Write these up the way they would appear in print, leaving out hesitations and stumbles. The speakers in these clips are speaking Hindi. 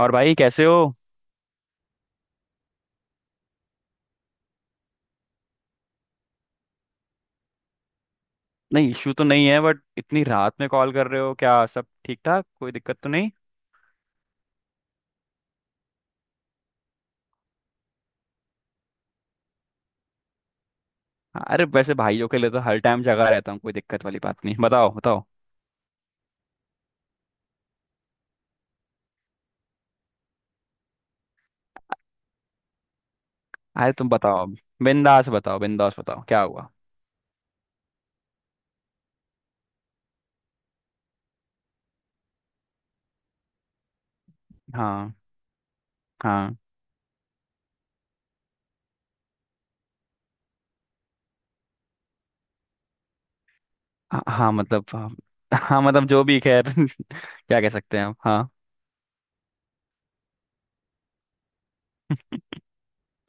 और भाई कैसे हो। नहीं, इशू तो नहीं है, बट इतनी रात में कॉल कर रहे हो, क्या सब ठीक ठाक, कोई दिक्कत तो नहीं? अरे वैसे भाइयों के लिए तो हर टाइम जगा रहता हूँ, कोई दिक्कत वाली बात नहीं। बताओ बताओ। अरे तुम बताओ, बिंदास बताओ बिंदास बताओ, क्या हुआ? हाँ हाँ। हाँ हाँ, मतलब हाँ। हाँ, मतलब जो भी खैर क्या कह सकते हैं हम, हाँ।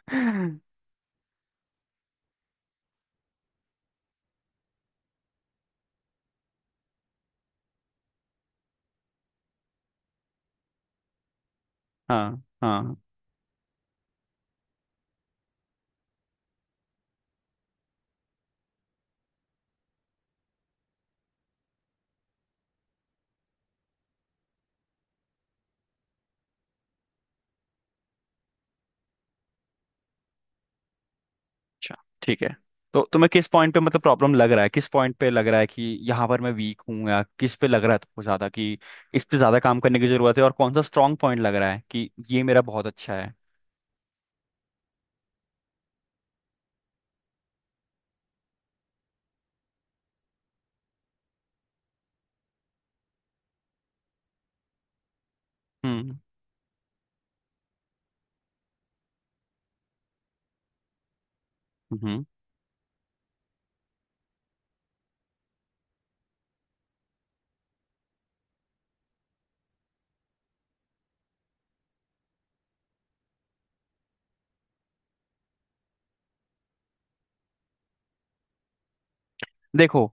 हाँ हाँ। अच्छा, ठीक है। तो तुम्हें किस पॉइंट पे मतलब प्रॉब्लम लग रहा है, किस पॉइंट पे लग रहा है कि यहाँ पर मैं वीक हूँ, या किस पे लग रहा है तुमको ज्यादा, कि इस पे ज्यादा काम करने की जरूरत है, और कौन सा स्ट्रांग पॉइंट लग रहा है कि ये मेरा बहुत अच्छा है? हम्म हम्म हम्म। देखो,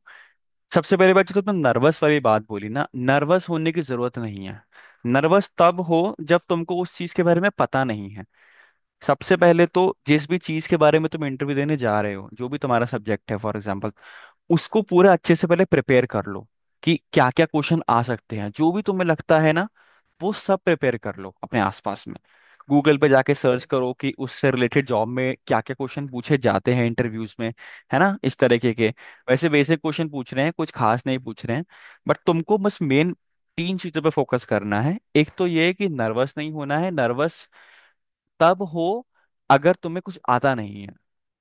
सबसे पहले बात जो तुमने नर्वस वाली बात बोली ना, नर्वस होने की जरूरत नहीं है। नर्वस तब हो जब तुमको उस चीज के बारे में पता नहीं है। सबसे पहले तो जिस भी चीज के बारे में तुम इंटरव्यू देने जा रहे हो, जो भी तुम्हारा सब्जेक्ट है फॉर एग्जाम्पल, उसको पूरा अच्छे से पहले प्रिपेयर कर लो कि क्या क्या क्वेश्चन आ सकते हैं, जो भी तुम्हें लगता है ना, वो सब प्रिपेयर कर लो अपने आसपास में। गूगल पे जाके सर्च करो कि उससे रिलेटेड जॉब में क्या क्या क्वेश्चन पूछे जाते हैं इंटरव्यूज में, है ना, इस तरीके के। वैसे बेसिक क्वेश्चन पूछ रहे हैं, कुछ खास नहीं पूछ रहे हैं। बट तुमको बस मेन तीन चीजों पे फोकस करना है। एक तो ये है कि नर्वस नहीं होना है। नर्वस तब हो अगर तुम्हें कुछ आता नहीं है।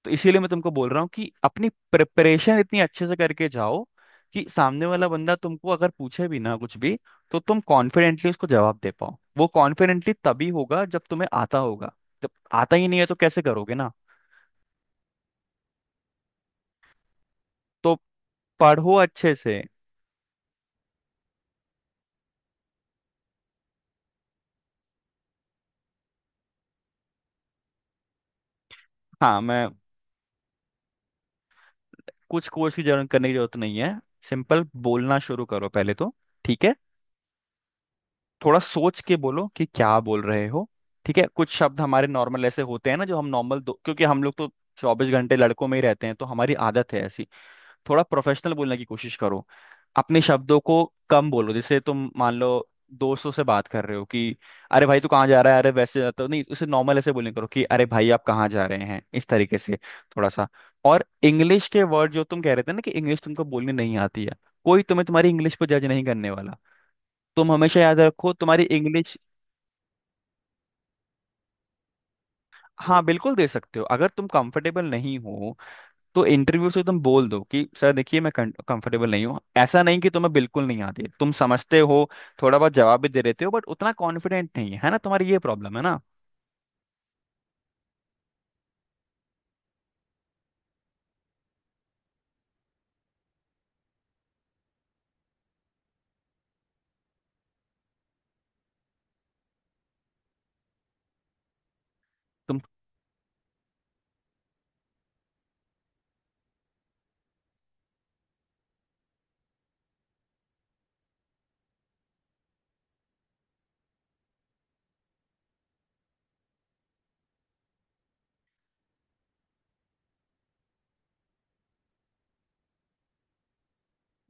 तो इसीलिए मैं तुमको बोल रहा हूँ कि अपनी प्रिपरेशन इतनी अच्छे से करके जाओ कि सामने वाला बंदा तुमको अगर पूछे भी ना कुछ भी, तो तुम कॉन्फिडेंटली उसको जवाब दे पाओ। वो कॉन्फिडेंटली तभी होगा जब तुम्हें आता होगा। जब आता ही नहीं है तो कैसे करोगे ना। तो पढ़ो अच्छे से। हाँ, मैं कुछ कोर्स की जरूरत करने की जरूरत नहीं है। सिंपल बोलना शुरू करो पहले तो। ठीक है। थोड़ा सोच के बोलो कि क्या बोल रहे हो। ठीक है, कुछ शब्द हमारे नॉर्मल ऐसे होते हैं ना, जो हम नॉर्मल, क्योंकि हम लोग तो 24 घंटे लड़कों में ही रहते हैं तो हमारी आदत है ऐसी। थोड़ा प्रोफेशनल बोलने की कोशिश करो अपने शब्दों को। कम बोलो, जैसे तुम मान लो दोस्तों से बात कर रहे हो कि अरे भाई तू कहाँ जा रहा है, अरे वैसे जाता नहीं, उसे नॉर्मल ऐसे बोलने करो कि अरे भाई आप कहाँ जा रहे हैं, इस तरीके से थोड़ा सा। और इंग्लिश के वर्ड जो तुम कह रहे थे ना कि इंग्लिश तुमको बोलनी नहीं आती है, कोई तुम्हें तुम्हारी इंग्लिश पर जज नहीं करने वाला। तुम हमेशा याद रखो, तुम्हारी इंग्लिश। हाँ बिल्कुल दे सकते हो, अगर तुम कंफर्टेबल नहीं हो तो इंटरव्यू से तुम बोल दो कि सर देखिए मैं कंफर्टेबल नहीं हूँ। ऐसा नहीं कि तुम्हें बिल्कुल नहीं आती, तुम समझते हो, थोड़ा बहुत जवाब भी दे लेते हो, बट उतना कॉन्फिडेंट नहीं है, है ना, तुम्हारी ये प्रॉब्लम है ना।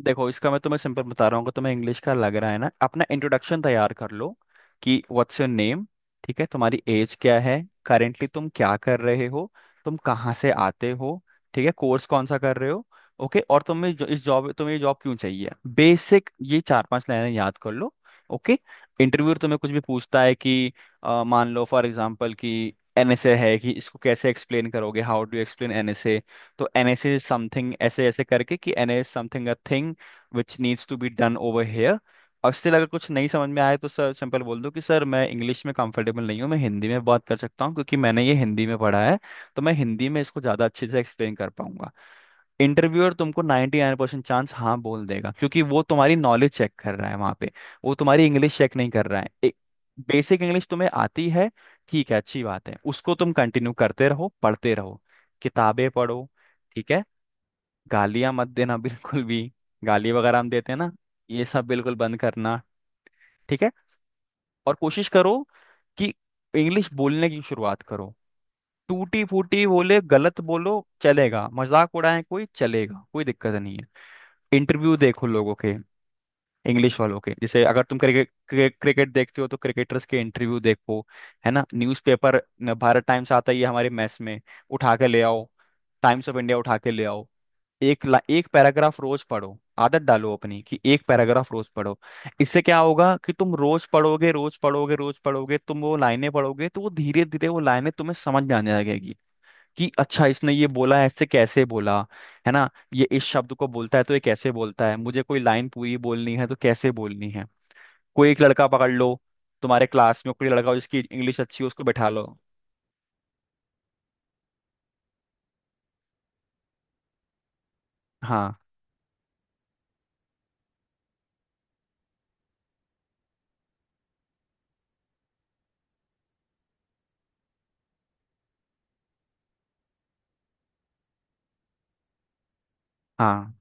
देखो, इसका मैं तुम्हें सिंपल बता रहा हूँ, अगर तुम्हें इंग्लिश का लग रहा है ना, अपना इंट्रोडक्शन तैयार कर लो कि व्हाट्स योर नेम, ठीक है, तुम्हारी एज क्या है, करेंटली तुम क्या कर रहे हो, तुम कहाँ से आते हो, ठीक है, कोर्स कौन सा कर रहे हो, ओके, और तुम्हें ये जॉब क्यों चाहिए। बेसिक ये चार पांच लाइनें याद कर लो। ओके। इंटरव्यूअर तुम्हें कुछ भी पूछता है कि मान लो फॉर एग्जाम्पल कि एनएसए है, कि इसको कैसे एक्सप्लेन करोगे, हाउ डू एक्सप्लेन एनएसए, तो एन एस इज समथिंग, ऐसे ऐसे करके कि N S something uh thing which needs to be done over here. और स्टिल अगर कुछ नहीं समझ में आए तो सर सिंपल बोल दो कि सर मैं इंग्लिश में कंफर्टेबल नहीं हूँ, मैं हिंदी में बात कर सकता हूँ क्योंकि मैंने ये हिंदी में पढ़ा है तो मैं हिंदी में इसको ज़्यादा अच्छे से एक्सप्लेन कर पाऊंगा। इंटरव्यूअर तुमको 99% चांस हाँ बोल देगा, क्योंकि वो तुम्हारी नॉलेज चेक कर रहा है वहां पे, वो तुम्हारी इंग्लिश चेक नहीं कर रहा है। एक बेसिक इंग्लिश तुम्हें आती है, ठीक है, अच्छी बात है, उसको तुम कंटिन्यू करते रहो, पढ़ते रहो, किताबें पढ़ो। ठीक है, गालियां मत देना बिल्कुल भी। गाली वगैरह हम देते हैं ना, ये सब बिल्कुल बंद करना। ठीक है। और कोशिश करो कि इंग्लिश बोलने की शुरुआत करो, टूटी फूटी बोले, गलत बोलो, चलेगा, मजाक उड़ाए कोई, चलेगा, कोई दिक्कत नहीं है। इंटरव्यू देखो लोगों के, इंग्लिश वालों के, जैसे अगर तुम क्रिकेट क्रिकेट देखते हो तो क्रिकेटर्स के इंटरव्यू देखो, है ना। न्यूज़पेपर, भारत टाइम्स आता ही है हमारे मैस में, उठा के ले आओ, टाइम्स ऑफ इंडिया उठा के ले आओ। एक पैराग्राफ रोज पढ़ो। आदत डालो अपनी कि एक पैराग्राफ रोज पढ़ो। इससे क्या होगा कि तुम रोज पढ़ोगे, रोज पढ़ोगे, रोज पढ़ोगे, तुम वो लाइनें पढ़ोगे तो वो धीरे धीरे वो लाइनें तुम्हें समझ में आने लगेगी कि अच्छा इसने ये बोला है, इससे कैसे बोला, है ना। ये इस शब्द को बोलता है तो ये कैसे बोलता है, मुझे कोई लाइन पूरी बोलनी है तो कैसे बोलनी है। कोई एक लड़का पकड़ लो, तुम्हारे क्लास में कोई लड़का हो जिसकी इंग्लिश अच्छी हो, उसको बैठा लो। हाँ हाँ।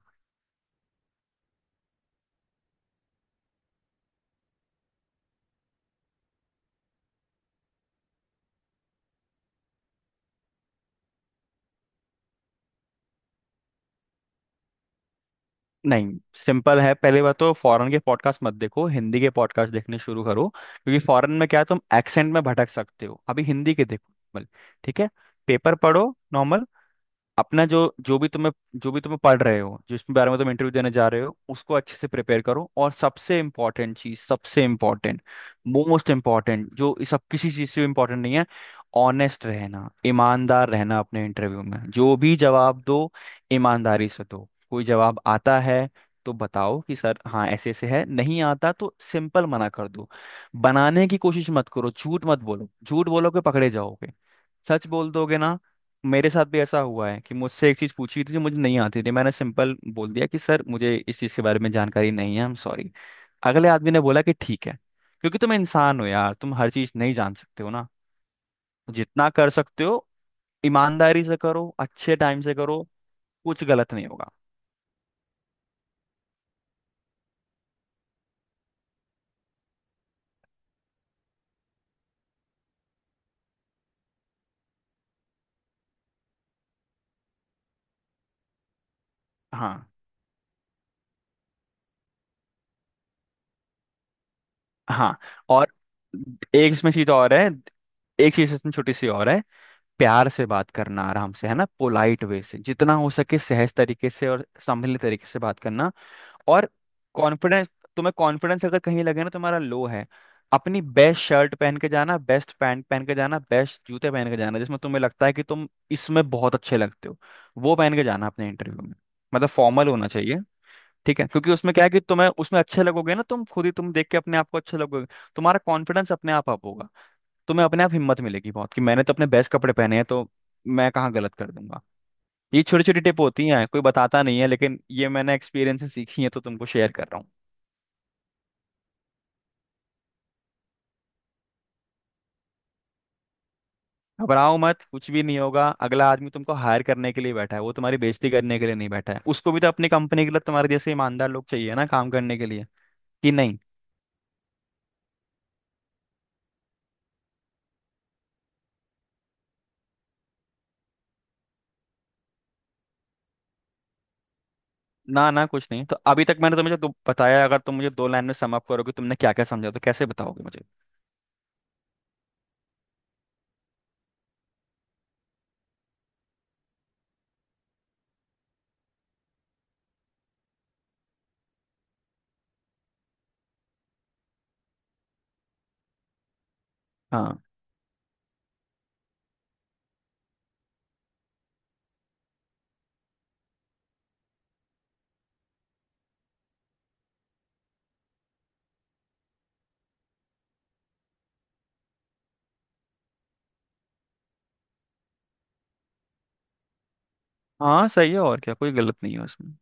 नहीं, सिंपल है। पहली बात तो फॉरेन के पॉडकास्ट मत देखो, हिंदी के पॉडकास्ट देखने शुरू करो क्योंकि फॉरेन में क्या है तुम एक्सेंट में भटक सकते हो, अभी हिंदी के देखो, normal। ठीक है, पेपर पढ़ो नॉर्मल, अपना जो जो भी तुम्हें, जो भी तुम्हें पढ़ रहे हो, जिस बारे में तुम इंटरव्यू देने जा रहे हो, उसको अच्छे से प्रिपेयर करो, और सबसे इम्पोर्टेंट चीज, सबसे इम्पोर्टेंट, मोस्ट इम्पोर्टेंट, जो इस सब किसी चीज से इम्पोर्टेंट नहीं है, ऑनेस्ट रहना, ईमानदार रहना, अपने इंटरव्यू में जो भी जवाब दो, ईमानदारी से दो। कोई जवाब आता है तो बताओ कि सर हाँ ऐसे ऐसे है, नहीं आता तो सिंपल मना कर दो, बनाने की कोशिश मत करो, झूठ मत बोलो, झूठ बोलोगे पकड़े जाओगे। सच बोल दोगे ना। मेरे साथ भी ऐसा हुआ है कि मुझसे एक चीज़ पूछी थी जो मुझे नहीं आती थी, मैंने सिंपल बोल दिया कि सर मुझे इस चीज़ के बारे में जानकारी नहीं है, आई एम सॉरी। अगले आदमी ने बोला कि ठीक है, क्योंकि तुम इंसान हो यार, तुम हर चीज़ नहीं जान सकते हो ना। जितना कर सकते हो ईमानदारी से करो, अच्छे टाइम से करो, कुछ गलत नहीं होगा। हाँ हाँ। और एक इसमें चीज़ और है, एक चीज इसमें छोटी सी और है, प्यार से बात करना, आराम से, है ना, पोलाइट वे से, जितना हो सके सहज तरीके से और संभले तरीके से बात करना। और कॉन्फिडेंस, तुम्हें कॉन्फिडेंस अगर कहीं लगे ना तुम्हारा लो है, अपनी बेस्ट शर्ट पहन के जाना, बेस्ट पैंट पहन के जाना, बेस्ट जूते पहन के जाना, जिसमें तुम्हें लगता है कि तुम इसमें बहुत अच्छे लगते हो, वो पहन के जाना अपने इंटरव्यू में, मतलब फॉर्मल होना चाहिए। ठीक है, क्योंकि उसमें क्या है कि तुम्हें उसमें अच्छे लगोगे ना, तुम खुद ही तुम देख के अपने आप को अच्छे लगोगे, तुम्हारा कॉन्फिडेंस अपने आप अप होगा, तुम्हें अपने आप हिम्मत मिलेगी बहुत कि मैंने तो अपने बेस्ट कपड़े पहने हैं तो मैं कहाँ गलत कर दूंगा। ये छोटी छोटी टिप होती हैं, कोई बताता नहीं है, लेकिन ये मैंने एक्सपीरियंस से सीखी है तो तुमको शेयर कर रहा हूँ। घबराओ मत, कुछ भी नहीं होगा, अगला आदमी तुमको हायर करने के लिए बैठा है, वो तुम्हारी बेइज्जती करने के लिए नहीं बैठा है, उसको भी तो अपनी कंपनी के लिए तुम्हारे जैसे ईमानदार लोग चाहिए ना काम करने के लिए, कि नहीं। ना ना, कुछ नहीं। तो अभी तक मैंने तुम्हें जो बताया, अगर तुम मुझे दो लाइन में सम अप करोगे, तुमने क्या क्या समझा, तो कैसे बताओगे मुझे? हाँ हाँ सही है, और क्या, कोई गलत नहीं है उसमें।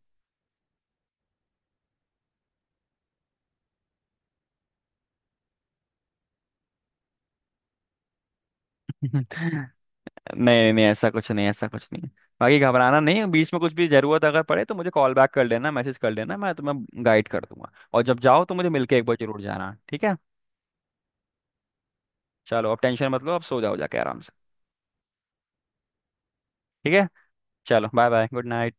नहीं नहीं, ऐसा कुछ नहीं, ऐसा कुछ नहीं। बाकी घबराना नहीं, बीच में कुछ भी जरूरत अगर पड़े तो मुझे कॉल बैक कर लेना, मैसेज कर लेना, मैं तुम्हें गाइड कर दूंगा, और जब जाओ तो मुझे मिलके एक बार जरूर जाना, ठीक है। चलो, अब टेंशन मत लो, अब सो जाओ जाके आराम से। ठीक है, चलो, बाय बाय, गुड नाइट।